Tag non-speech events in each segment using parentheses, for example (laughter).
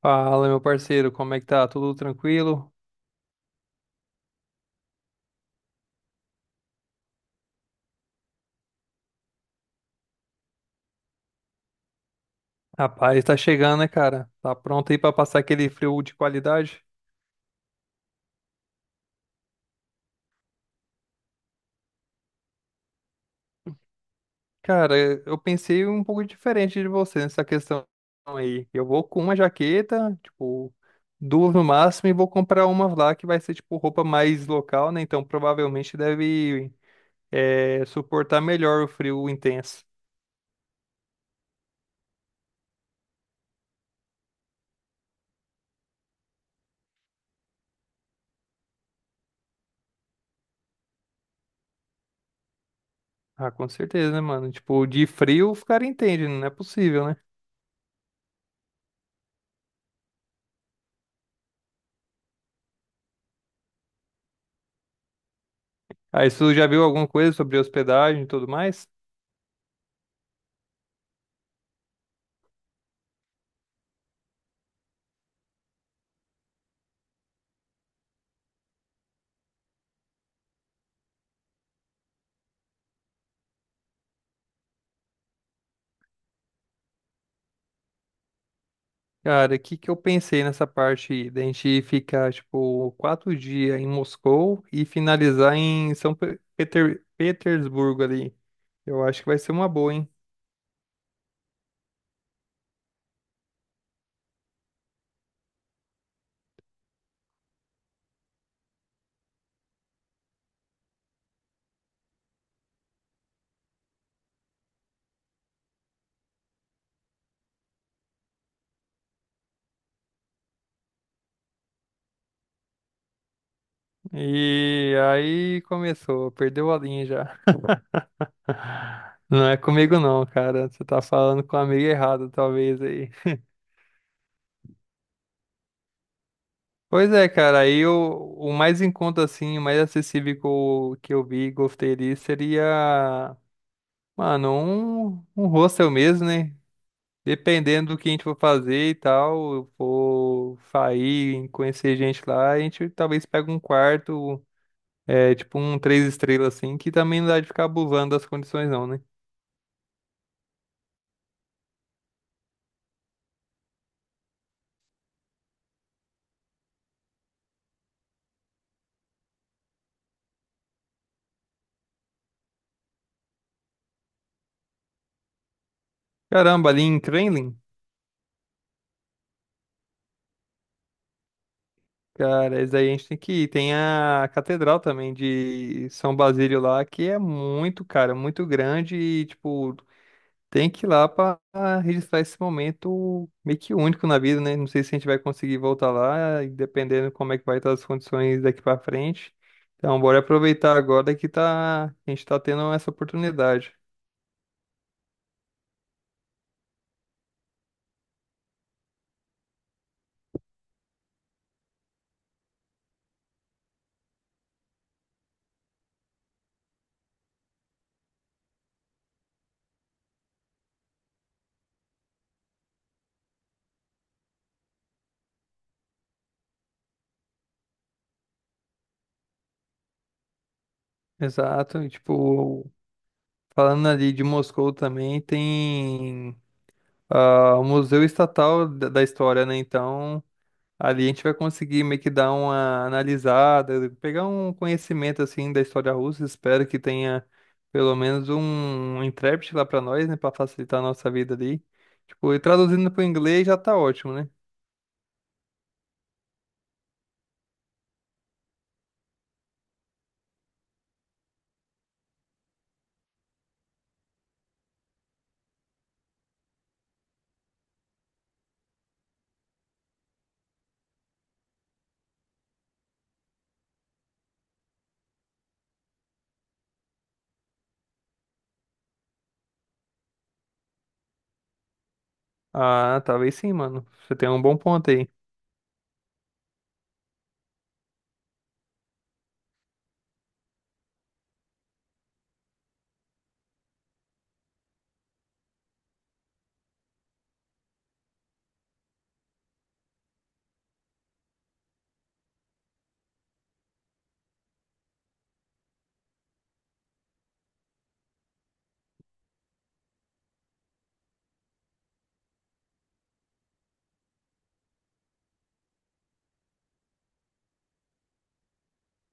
Fala, meu parceiro, como é que tá? Tudo tranquilo? Rapaz, tá chegando, né, cara? Tá pronto aí pra passar aquele frio de qualidade? Cara, eu pensei um pouco diferente de você nessa questão aí. Eu vou com uma jaqueta, tipo, duas no máximo, e vou comprar uma lá que vai ser, tipo, roupa mais local, né? Então provavelmente deve, é, suportar melhor o frio intenso. Ah, com certeza, né, mano? Tipo, de frio o cara entende, não é possível, né? Aí, você já viu alguma coisa sobre hospedagem e tudo mais? Cara, o que que eu pensei nessa parte aí, da gente ficar, tipo, 4 dias em Moscou e finalizar em Petersburgo ali. Eu acho que vai ser uma boa, hein? E aí começou, perdeu a linha já. (laughs) Não é comigo não, cara. Você tá falando com a amiga errada, talvez aí. Pois é, cara, aí o mais em conta, assim, o mais acessível que eu vi e gostei ali seria, mano, um hostel mesmo, né? Dependendo do que a gente for fazer e tal, eu for sair, conhecer gente lá, a gente talvez pegue um quarto, tipo um três estrelas assim, que também não dá de ficar abusando das condições não, né? Caramba, ali em Kremlin, cara, isso aí a gente tem que ir. Tem a catedral também de São Basílio lá, que é muito, cara, muito grande e, tipo, tem que ir lá para registrar esse momento meio que único na vida, né? Não sei se a gente vai conseguir voltar lá, e dependendo como é que vai estar as condições daqui para frente. Então, bora aproveitar agora que tá, a gente tá tendo essa oportunidade. Exato, e tipo, falando ali de Moscou também, tem o Museu Estatal da História, né? Então, ali a gente vai conseguir meio que dar uma analisada, pegar um conhecimento assim da história russa. Espero que tenha pelo menos um intérprete lá para nós, né, para facilitar a nossa vida ali. Tipo, e traduzindo para o inglês já tá ótimo, né? Ah, talvez sim, mano. Você tem um bom ponto aí.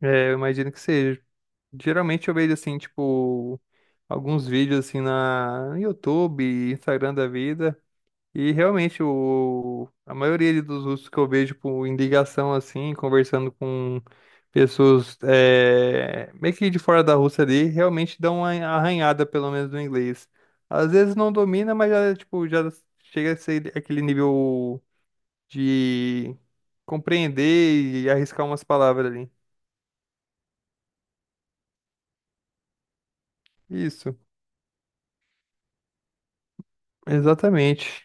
É, eu imagino que seja. Geralmente eu vejo assim, tipo, alguns vídeos assim na no YouTube, Instagram da vida. E realmente, o, a maioria dos russos que eu vejo em ligação assim, conversando com pessoas é, meio que de fora da Rússia ali, realmente dão uma arranhada, pelo menos no inglês. Às vezes não domina, mas já, tipo, já chega a ser aquele nível de compreender e arriscar umas palavras ali. Isso, exatamente.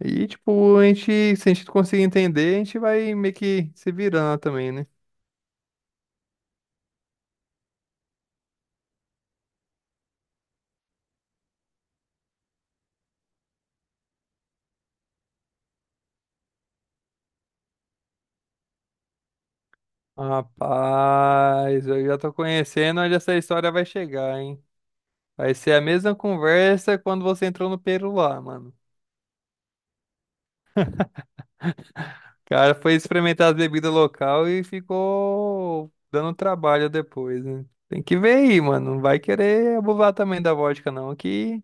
E, tipo, a gente, se a gente conseguir entender, a gente vai meio que se virando também, né? Rapaz, eu já tô conhecendo onde essa história vai chegar, hein? Vai ser a mesma conversa quando você entrou no Peru lá, mano. O cara foi experimentar as bebidas local e ficou dando trabalho depois, né? Tem que ver aí, mano. Não vai querer abusar também da vodka, não, que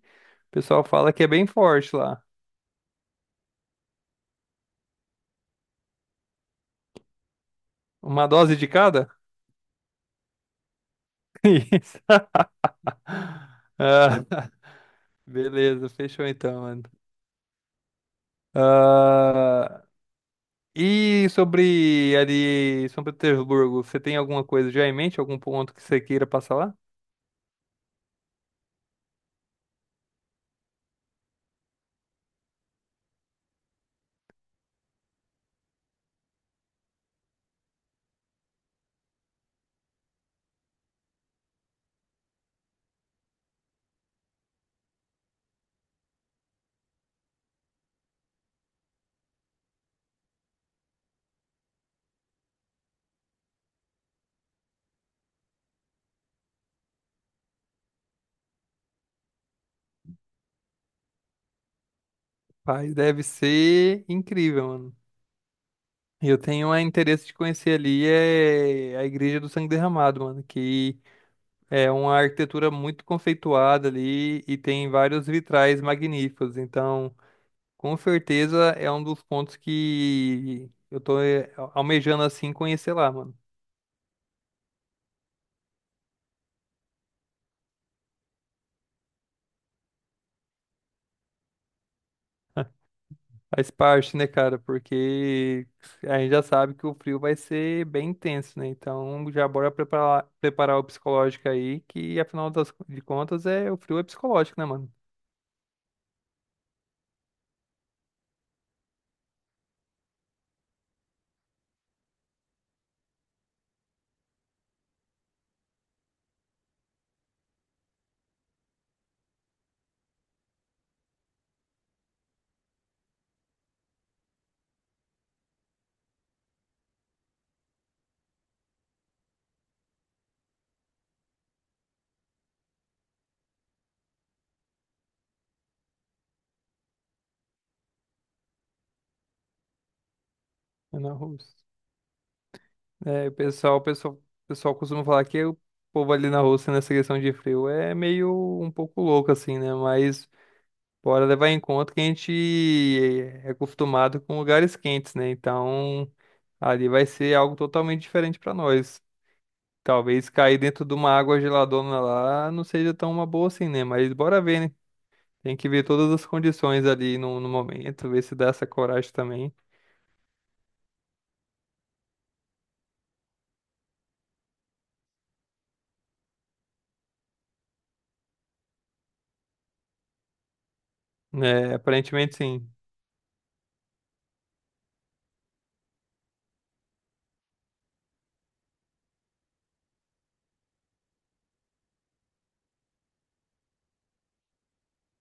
o pessoal fala que é bem forte lá. Uma dose de cada? (laughs) Isso. Ah, beleza, fechou então, mano. Ah, e sobre ali, São Petersburgo, você tem alguma coisa já em mente? Algum ponto que você queira passar lá? Rapaz, deve ser incrível, mano. Eu tenho interesse de conhecer ali é a Igreja do Sangue Derramado, mano, que é uma arquitetura muito conceituada ali e tem vários vitrais magníficos. Então, com certeza é um dos pontos que eu tô almejando assim conhecer lá, mano. Faz parte, né, cara? Porque a gente já sabe que o frio vai ser bem intenso, né? Então já bora preparar, preparar o psicológico aí, que afinal de contas é o frio é psicológico, né, mano? É na Rússia. É, o pessoal costuma falar que o povo ali na Rússia nessa questão de frio é meio um pouco louco, assim, né? Mas bora levar em conta que a gente é acostumado com lugares quentes, né? Então ali vai ser algo totalmente diferente pra nós. Talvez cair dentro de uma água geladona lá não seja tão uma boa assim, né? Mas bora ver, né? Tem que ver todas as condições ali no momento, ver se dá essa coragem também. É, aparentemente sim.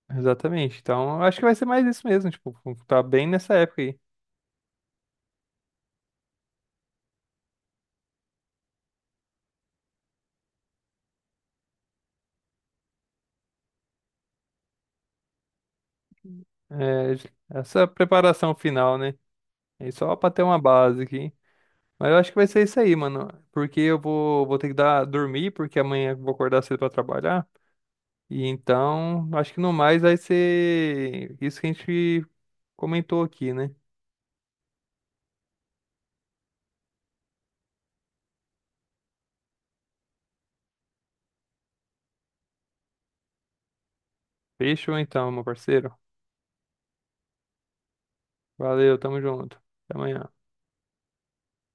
Exatamente. Então, eu acho que vai ser mais isso mesmo, tipo, tá bem nessa época aí. É, essa preparação final, né? É só pra ter uma base aqui. Mas eu acho que vai ser isso aí, mano. Porque eu vou, ter que dar, dormir, porque amanhã eu vou acordar cedo pra trabalhar. E então, acho que no mais vai ser isso que a gente comentou aqui, né? Fechou então, meu parceiro. Valeu, tamo junto. Até amanhã.